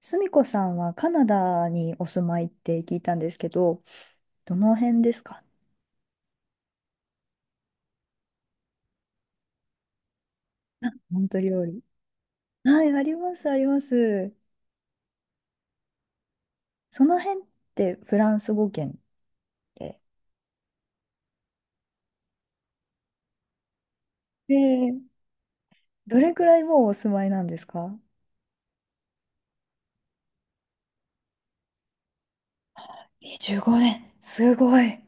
すみこさんはカナダにお住まいって聞いたんですけど、どの辺ですか？モントリオール。はい、あります、あります。その辺ってフランス語圏で、えーどれくらいもうお住まいなんですか？25年。すごい。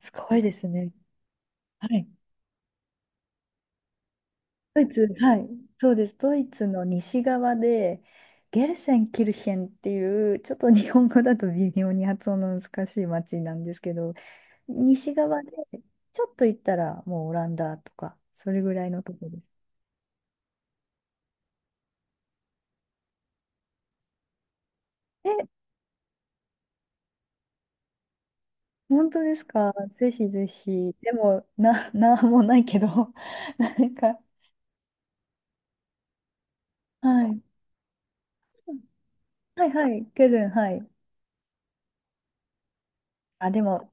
すごいですね。はい。ドイツ、はい。そうです。ドイツの西側で、ゲルセンキルヘンっていう、ちょっと日本語だと微妙に発音の難しい町なんですけど、西側で、ちょっと行ったらもうオランダとか、それぐらいのとこです。え、本当ですか？ぜひぜひ。でも、なんもないけど、なんか、はい。はいはい、ケルン、はい。あ、でも、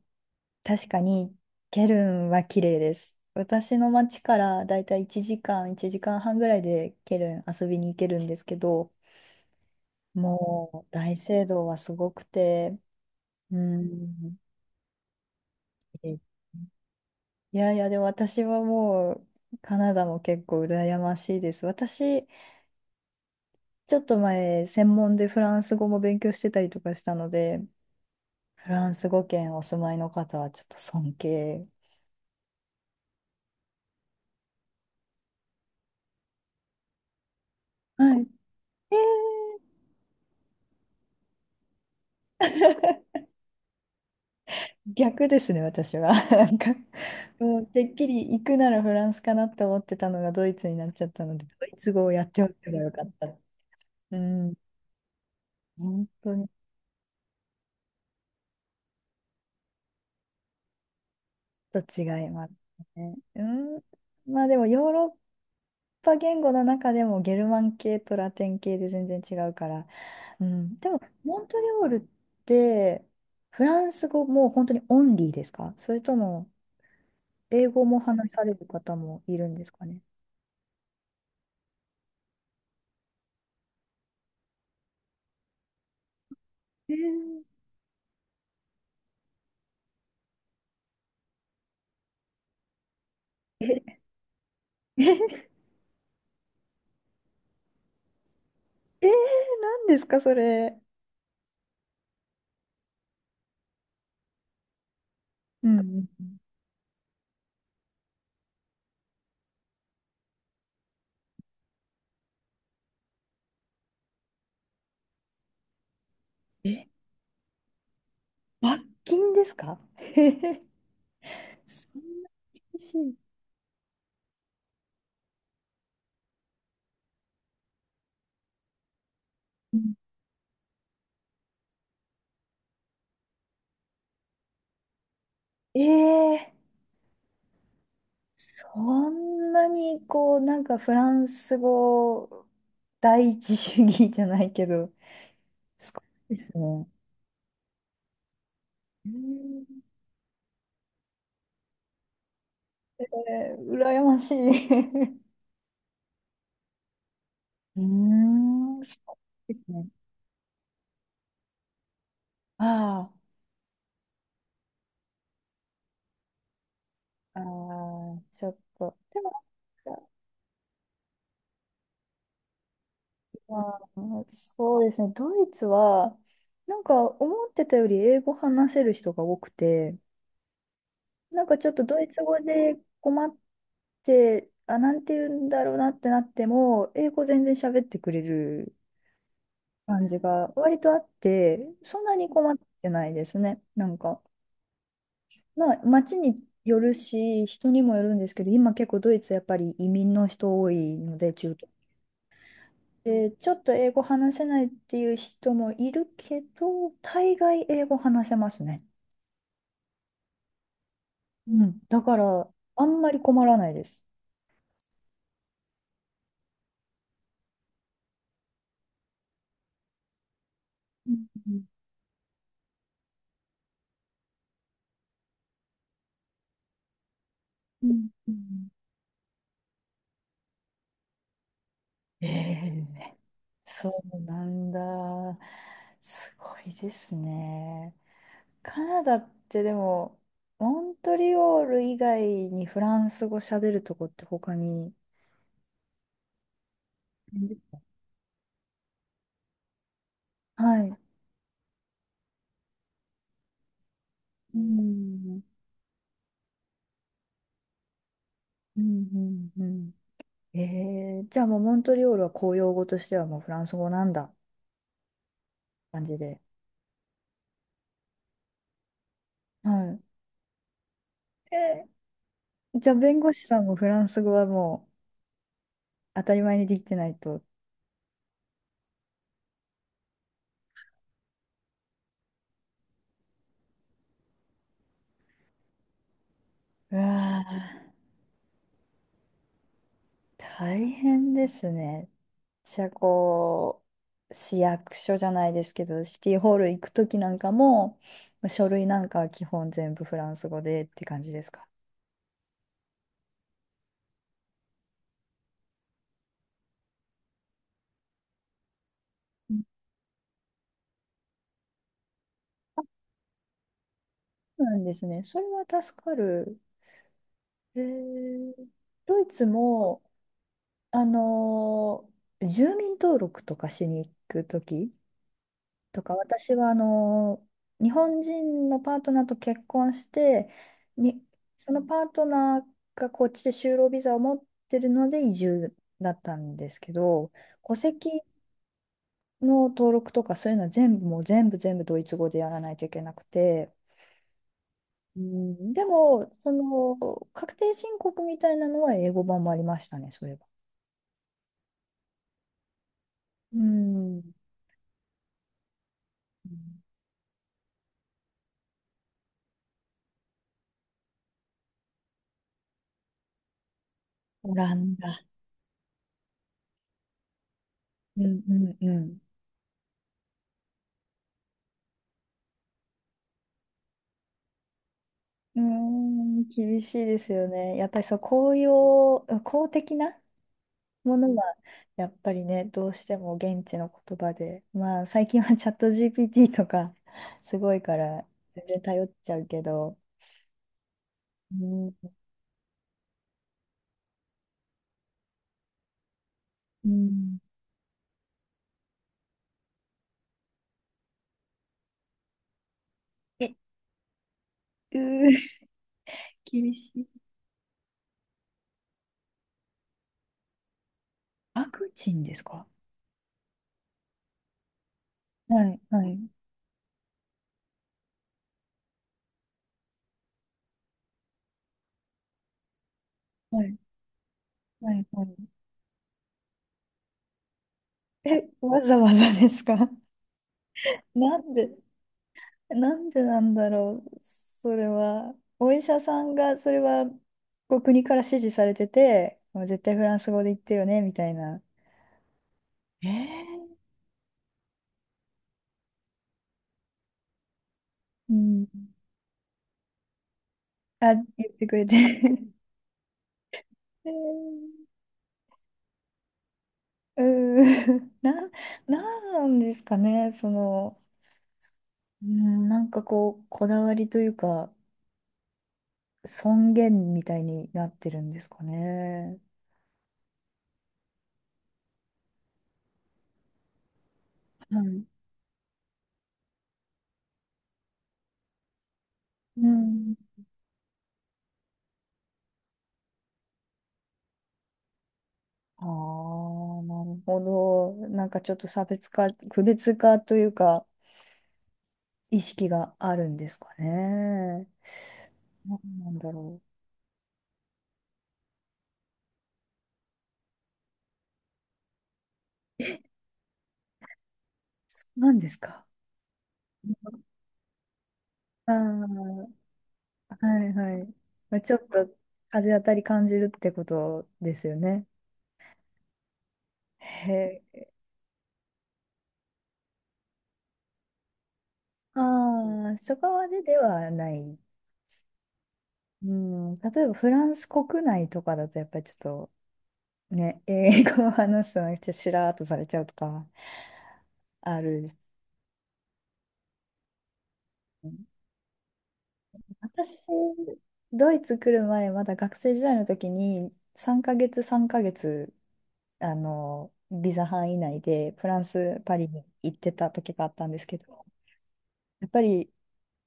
確かに、ケルンは綺麗です。私の町からだいたい1時間、1時間半ぐらいでケルン遊びに行けるんですけど、もう大聖堂はすごくて、うん、綺麗。いやいや、でも私はもうカナダも結構羨ましいです。私、ちょっと前、専門でフランス語も勉強してたりとかしたので、フランス語圏お住まいの方はちょっと尊敬。はい。えー。逆ですね、私は。なんか、もうてっきり行くならフランスかなって思ってたのがドイツになっちゃったので、ドイツ語をやっておけばよかった。うん、本当にょっと違いますね。うん、まあでもヨーロッぱ言語の中でもゲルマン系とラテン系で全然違うから、うん、でもモントリオールってフランス語も本当にオンリーですか？それとも英語も話される方もいるんですかね？えー。え、えー、何ですかそれ。うんうんうん。え、罰金ですか？えへへ。 そんな厳しい。うん。えー。こんなにこう、なんかフランス語第一主義じゃないけど、すごいですね。うん。えー羨ましい。うーん、そうですね。ああ、ああ、ちょっと。でもなんか、まあ、そうですね。ドイツは、なんか思ってたより英語話せる人が多くて、なんかちょっとドイツ語で困って、あ、なんて言うんだろうなってなっても、英語全然喋ってくれる感じが割とあって、そんなに困ってないですね。なんか、まあ、街によるし、人にもよるんですけど、今結構ドイツやっぱり移民の人多いので、中東。で、ちょっと英語話せないっていう人もいるけど、大概英語話せますね。うん。だから、あんまり困らないです。うんうんうんうん。ええ、そうなんだ。すごいですね。カナダってでも、モントリオール以外にフランス語喋るとこって他に。はい。うん。うんうんうん。ええ、じゃあもうモントリオールは公用語としてはもうフランス語なんだ感じで。はい。えー、じゃあ弁護士さんもフランス語はもう当たり前にできてないと。うわー、大変ですね。私はこう、市役所じゃないですけど、シティホール行くときなんかも、まあ書類なんかは基本全部フランス語でって感じですか？うん。そうなんですね。それは助かる。えー、ドイツも、あのー住民登録とかしに行くとき、とか、私はあの日本人のパートナーと結婚して、に、そのパートナーがこっちで就労ビザを持ってるので移住だったんですけど、戸籍の登録とかそういうのは全部もう全部ドイツ語でやらないといけなくて、うん、でも、その確定申告みたいなのは英語版もありましたね、そういえば。うん、オランダ。うんうんうん。うーん、厳しいですよね。やっぱりそう、公用、公的なものは、やっぱりね、どうしても現地の言葉で、まあ、最近はチャット GPT とか、すごいから、全然頼っちゃうけど、うん、うん、え、うー、厳しい。ワクチンですか？はい、はい、はい、はい、はい。え、わざわざですか？ なんでなんでなんだろう、それは。お医者さんが、それは、こう国から指示されてて、もう絶対フランス語で言ってよね、みたいな。えー、うん。あ、言ってくれて。えー。うん。なんですかね、その、うん、なんかこう、こだわりというか、尊厳みたいになってるんですかね。はい。うん。ああ、なるほど。なんかちょっと差別化、区別化というか、意識があるんですかね。なんなんだろう。なんですか。ああ、はいはい。まあ、ちょっと風当たり感じるってことですよね。へえ。ああ、そこまでではない。うん、例えばフランス国内とかだとやっぱりちょっとね、英語を話すのがちょっとしらーっとされちゃうとかあるし。私、ドイツ来る前、まだ学生時代の時に、3ヶ月、あの、ビザ範囲内で、フランス、パリに行ってた時があったんですけど、やっぱり、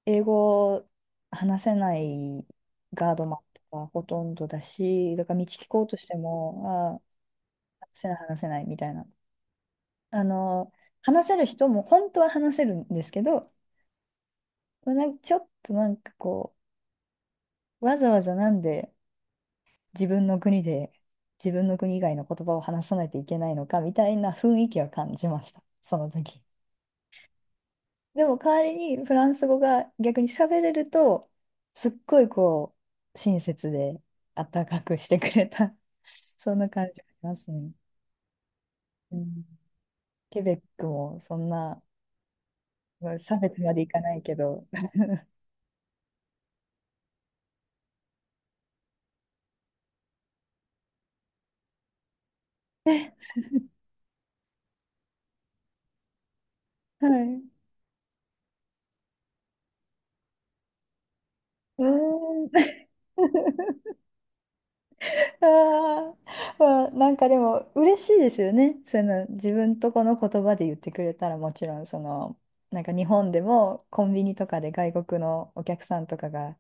英語話せないガードマンとかほとんどだし、だから道聞こうとしても、ああ、話せない、話せないみたいな。あの、話せる人も本当は話せるんですけど、なんかちょっとこう、わざわざなんで、自分の国で自分の国以外の言葉を話さないといけないのかみたいな雰囲気は感じました、その時。でも代わりにフランス語が逆に喋れると、すっごいこう、親切で温かくしてくれた そんな感じがしますね。うん、ケベックもそんな差別までいかないけど。はい。うーん。あー。 まあ、なんかでも嬉しいですよね。その自分とこの言葉で言ってくれたら、もちろんそのなんか日本でもコンビニとかで外国のお客さんとかが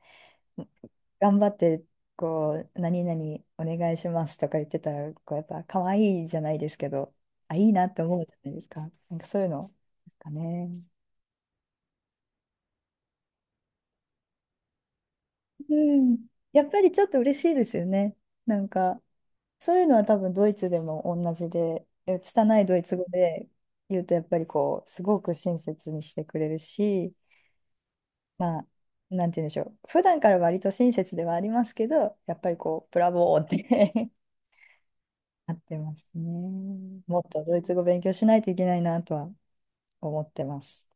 頑張ってこう何々お願いしますとか言ってたらこうやっぱ可愛いじゃないですけど、あいいなって思うじゃないですか。なんかそういうのですかね。うん。やっぱりちょっと嬉しいですよね。なんかそういうのは多分ドイツでも同じで、え拙いドイツ語で言うとやっぱりこう、すごく親切にしてくれるし、まあ、なんて言うんでしょう。普段から割と親切ではありますけど、やっぱりこう、ブラボーって なってますね。もっとドイツ語勉強しないといけないなとは思ってます。